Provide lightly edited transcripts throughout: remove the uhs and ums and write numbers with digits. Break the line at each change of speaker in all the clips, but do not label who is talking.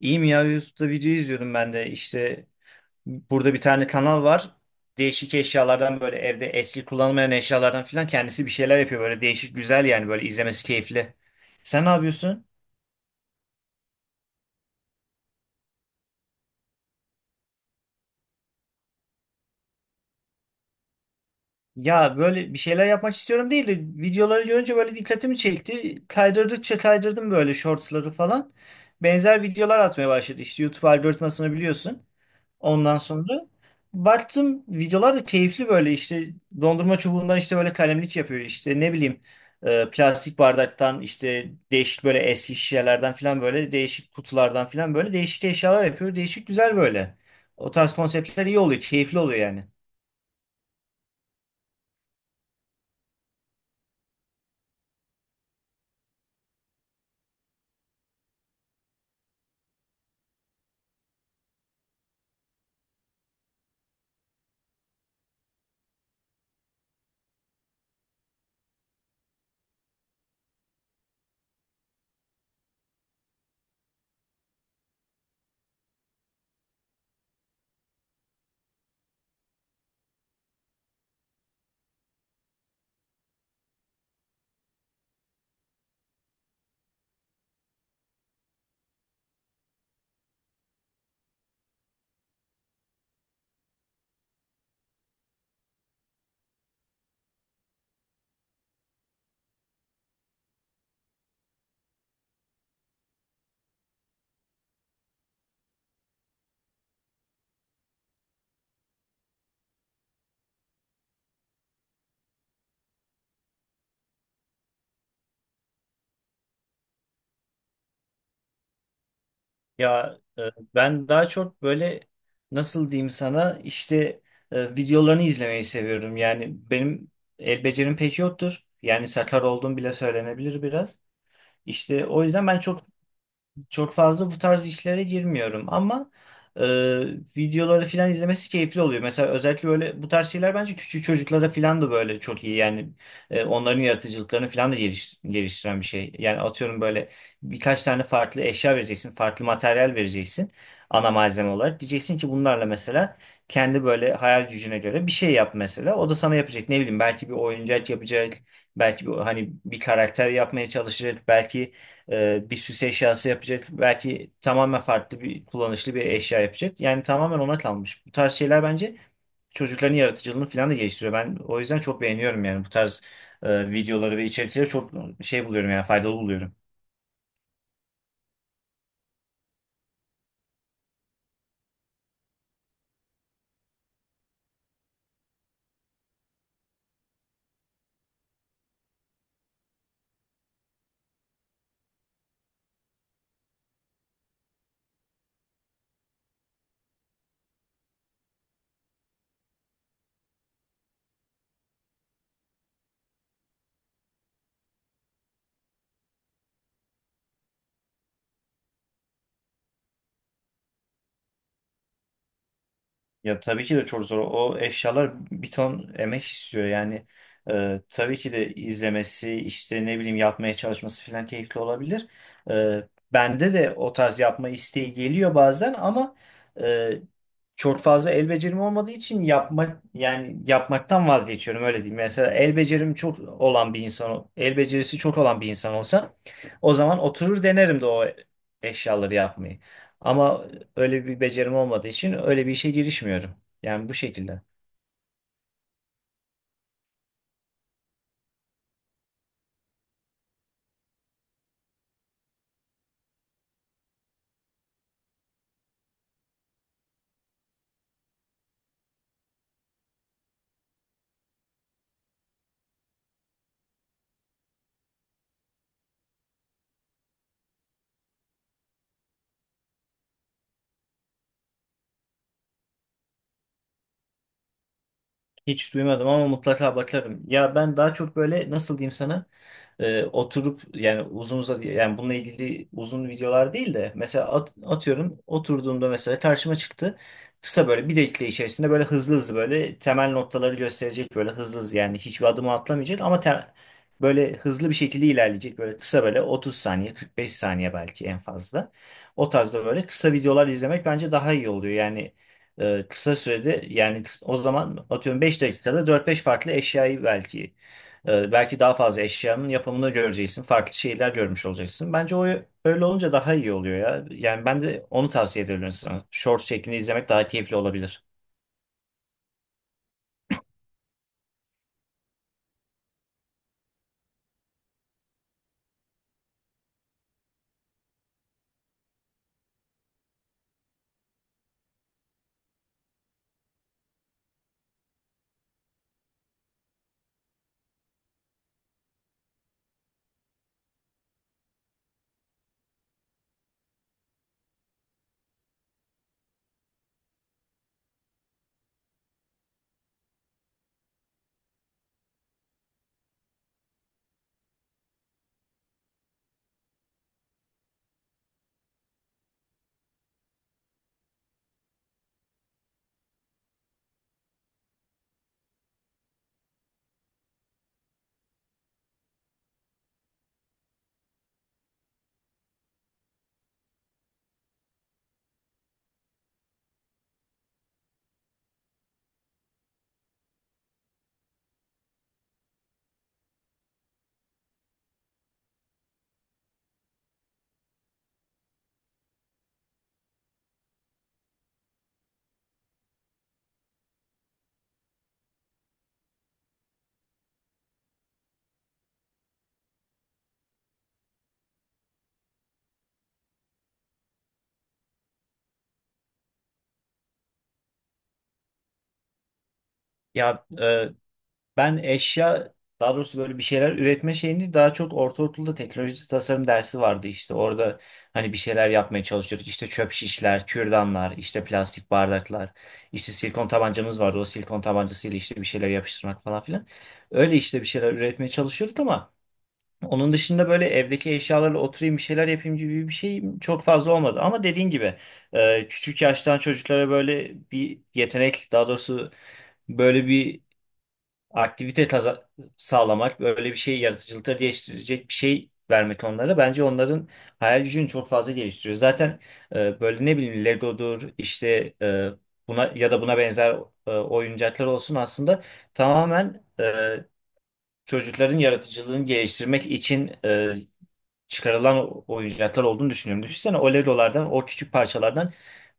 İyiyim ya YouTube'da video izliyordum ben de işte burada bir tane kanal var değişik eşyalardan böyle evde eski kullanılmayan eşyalardan filan kendisi bir şeyler yapıyor böyle değişik güzel yani böyle izlemesi keyifli. Sen ne yapıyorsun? Ya böyle bir şeyler yapmak istiyorum değil de videoları görünce böyle dikkatimi çekti kaydırdıkça kaydırdım böyle shortsları falan benzer videolar atmaya başladı işte YouTube algoritmasını biliyorsun. Ondan sonra baktım videolar da keyifli böyle işte dondurma çubuğundan işte böyle kalemlik yapıyor işte ne bileyim plastik bardaktan işte değişik böyle eski şişelerden falan böyle değişik kutulardan falan böyle değişik eşyalar yapıyor. Değişik güzel böyle. O tarz konseptler iyi oluyor, keyifli oluyor yani. Ya ben daha çok böyle nasıl diyeyim sana işte videolarını izlemeyi seviyorum. Yani benim el becerim pek yoktur. Yani sakar olduğum bile söylenebilir biraz. İşte o yüzden ben çok çok fazla bu tarz işlere girmiyorum ama e, videoları falan izlemesi keyifli oluyor. Mesela özellikle böyle bu tarz şeyler bence küçük çocuklara falan da böyle çok iyi. Yani onların yaratıcılıklarını falan da geliştiren bir şey. Yani atıyorum böyle birkaç tane farklı eşya vereceksin, farklı materyal vereceksin ana malzeme olarak. Diyeceksin ki bunlarla mesela kendi böyle hayal gücüne göre bir şey yap mesela. O da sana yapacak ne bileyim belki bir oyuncak yapacak. Belki hani bir karakter yapmaya çalışacak. Belki bir süs eşyası yapacak. Belki tamamen farklı bir kullanışlı bir eşya yapacak. Yani tamamen ona kalmış. Bu tarz şeyler bence çocukların yaratıcılığını falan da geliştiriyor. Ben o yüzden çok beğeniyorum yani bu tarz videoları ve içerikleri çok şey buluyorum yani faydalı buluyorum. Ya tabii ki de çok zor. O eşyalar bir ton emek istiyor. Yani tabii ki de izlemesi, işte ne bileyim yapmaya çalışması falan keyifli olabilir. E, bende de o tarz yapma isteği geliyor bazen ama e, çok fazla el becerim olmadığı için yani yapmaktan vazgeçiyorum öyle diyeyim. Mesela el becerisi çok olan bir insan olsa o zaman oturur denerim de o eşyaları yapmayı. Ama öyle bir becerim olmadığı için öyle bir işe girişmiyorum. Yani bu şekilde. Hiç duymadım ama mutlaka bakarım. Ya ben daha çok böyle nasıl diyeyim sana? Oturup yani uzun uzadı yani bununla ilgili uzun videolar değil de mesela atıyorum oturduğumda mesela karşıma çıktı. Kısa böyle bir dakika içerisinde böyle hızlı hızlı böyle temel noktaları gösterecek böyle hızlı hızlı yani hiçbir adımı atlamayacak ama böyle hızlı bir şekilde ilerleyecek böyle kısa böyle 30 saniye 45 saniye belki en fazla. O tarzda böyle kısa videolar izlemek bence daha iyi oluyor. Yani kısa sürede yani o zaman atıyorum 5 dakikada dört beş farklı eşyayı belki belki daha fazla eşyanın yapımını göreceksin. Farklı şeyler görmüş olacaksın. Bence o öyle olunca daha iyi oluyor ya. Yani ben de onu tavsiye ediyorum sana. Short şeklinde izlemek daha keyifli olabilir. Ya ben daha doğrusu böyle bir şeyler üretme şeyini daha çok ortaokulda teknoloji tasarım dersi vardı işte. Orada hani bir şeyler yapmaya çalışıyorduk. İşte çöp şişler, kürdanlar, işte plastik bardaklar, işte silikon tabancamız vardı. O silikon tabancasıyla işte bir şeyler yapıştırmak falan filan. Öyle işte bir şeyler üretmeye çalışıyorduk ama onun dışında böyle evdeki eşyalarla oturayım bir şeyler yapayım gibi bir şey çok fazla olmadı. Ama dediğin gibi küçük yaştan çocuklara böyle bir yetenek daha doğrusu böyle bir aktivite sağlamak, böyle bir şey yaratıcılıkları geliştirecek bir şey vermek onlara bence onların hayal gücünü çok fazla geliştiriyor. Zaten böyle ne bileyim Lego'dur işte buna ya da buna benzer oyuncaklar olsun aslında tamamen çocukların yaratıcılığını geliştirmek için çıkarılan oyuncaklar olduğunu düşünüyorum. Düşünsene o Legolardan, o küçük parçalardan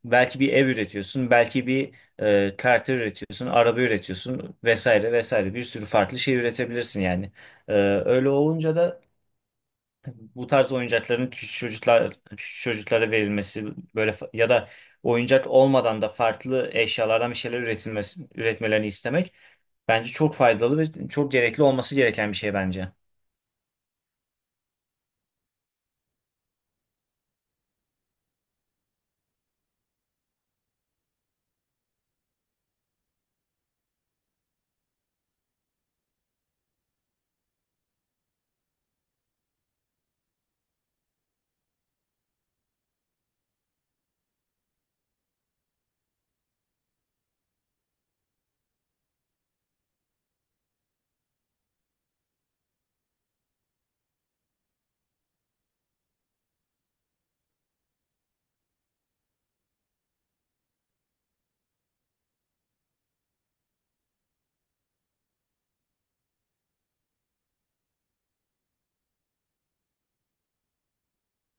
belki bir ev üretiyorsun, belki bir karakter üretiyorsun, araba üretiyorsun vesaire vesaire bir sürü farklı şey üretebilirsin yani. E, öyle olunca da bu tarz oyuncakların küçük çocuklara verilmesi böyle ya da oyuncak olmadan da farklı eşyalardan bir şeyler üretmelerini istemek bence çok faydalı ve çok gerekli olması gereken bir şey bence.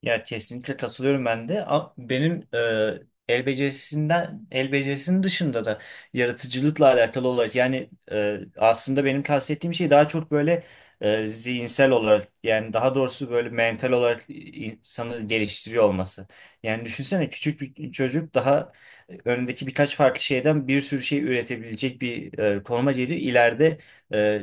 Ya kesinlikle katılıyorum ben de. Benim el becerisinin dışında da yaratıcılıkla alakalı olarak yani aslında benim kastettiğim şey daha çok böyle zihinsel olarak yani daha doğrusu böyle mental olarak insanı geliştiriyor olması. Yani düşünsene küçük bir çocuk daha önündeki birkaç farklı şeyden bir sürü şey üretebilecek bir konuma geliyor. İleride e,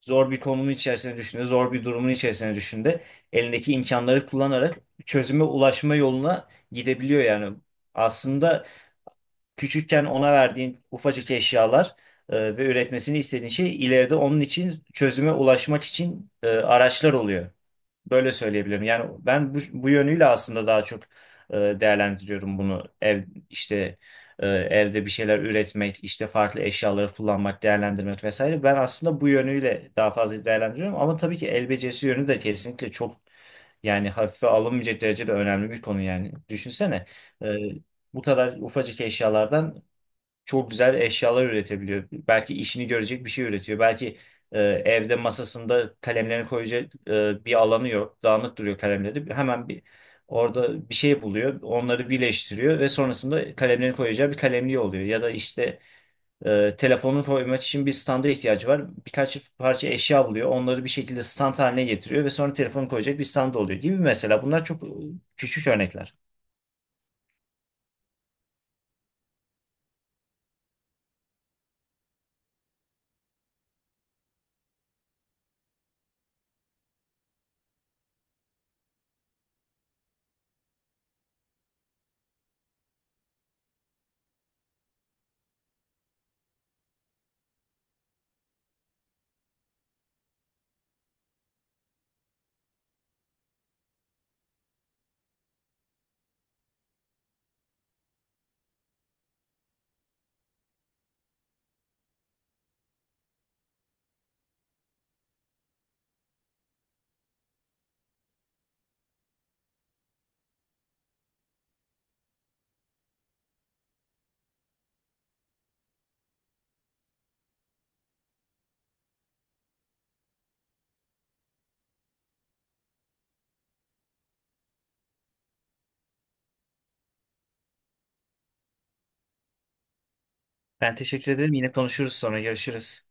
zor bir konumun içerisine düşündü, zor bir durumun içerisine düşündü. Elindeki imkanları kullanarak çözüme ulaşma yoluna gidebiliyor yani. Aslında küçükken ona verdiğin ufacık eşyalar ve üretmesini istediğin şey ileride onun için çözüme ulaşmak için araçlar oluyor. Böyle söyleyebilirim. Yani ben bu yönüyle aslında daha çok e, değerlendiriyorum bunu. Ev işte e, evde bir şeyler üretmek, işte farklı eşyaları kullanmak, değerlendirmek vesaire. Ben aslında bu yönüyle daha fazla değerlendiriyorum ama tabii ki el becerisi yönü de kesinlikle çok yani hafife alınmayacak derecede önemli bir konu yani. Düşünsene e, bu kadar ufacık eşyalardan çok güzel eşyalar üretebiliyor. Belki işini görecek bir şey üretiyor. Belki evde masasında kalemlerini koyacak bir alanı yok. Dağınık duruyor kalemleri. Hemen bir orada bir şey buluyor. Onları birleştiriyor ve sonrasında kalemlerini koyacağı bir kalemliği oluyor. Ya da işte telefonunu koymak için bir standa ihtiyacı var. Birkaç parça eşya buluyor. Onları bir şekilde stand haline getiriyor ve sonra telefonu koyacak bir stand oluyor gibi mesela. Bunlar çok küçük örnekler. Ben teşekkür ederim. Yine konuşuruz sonra. Görüşürüz.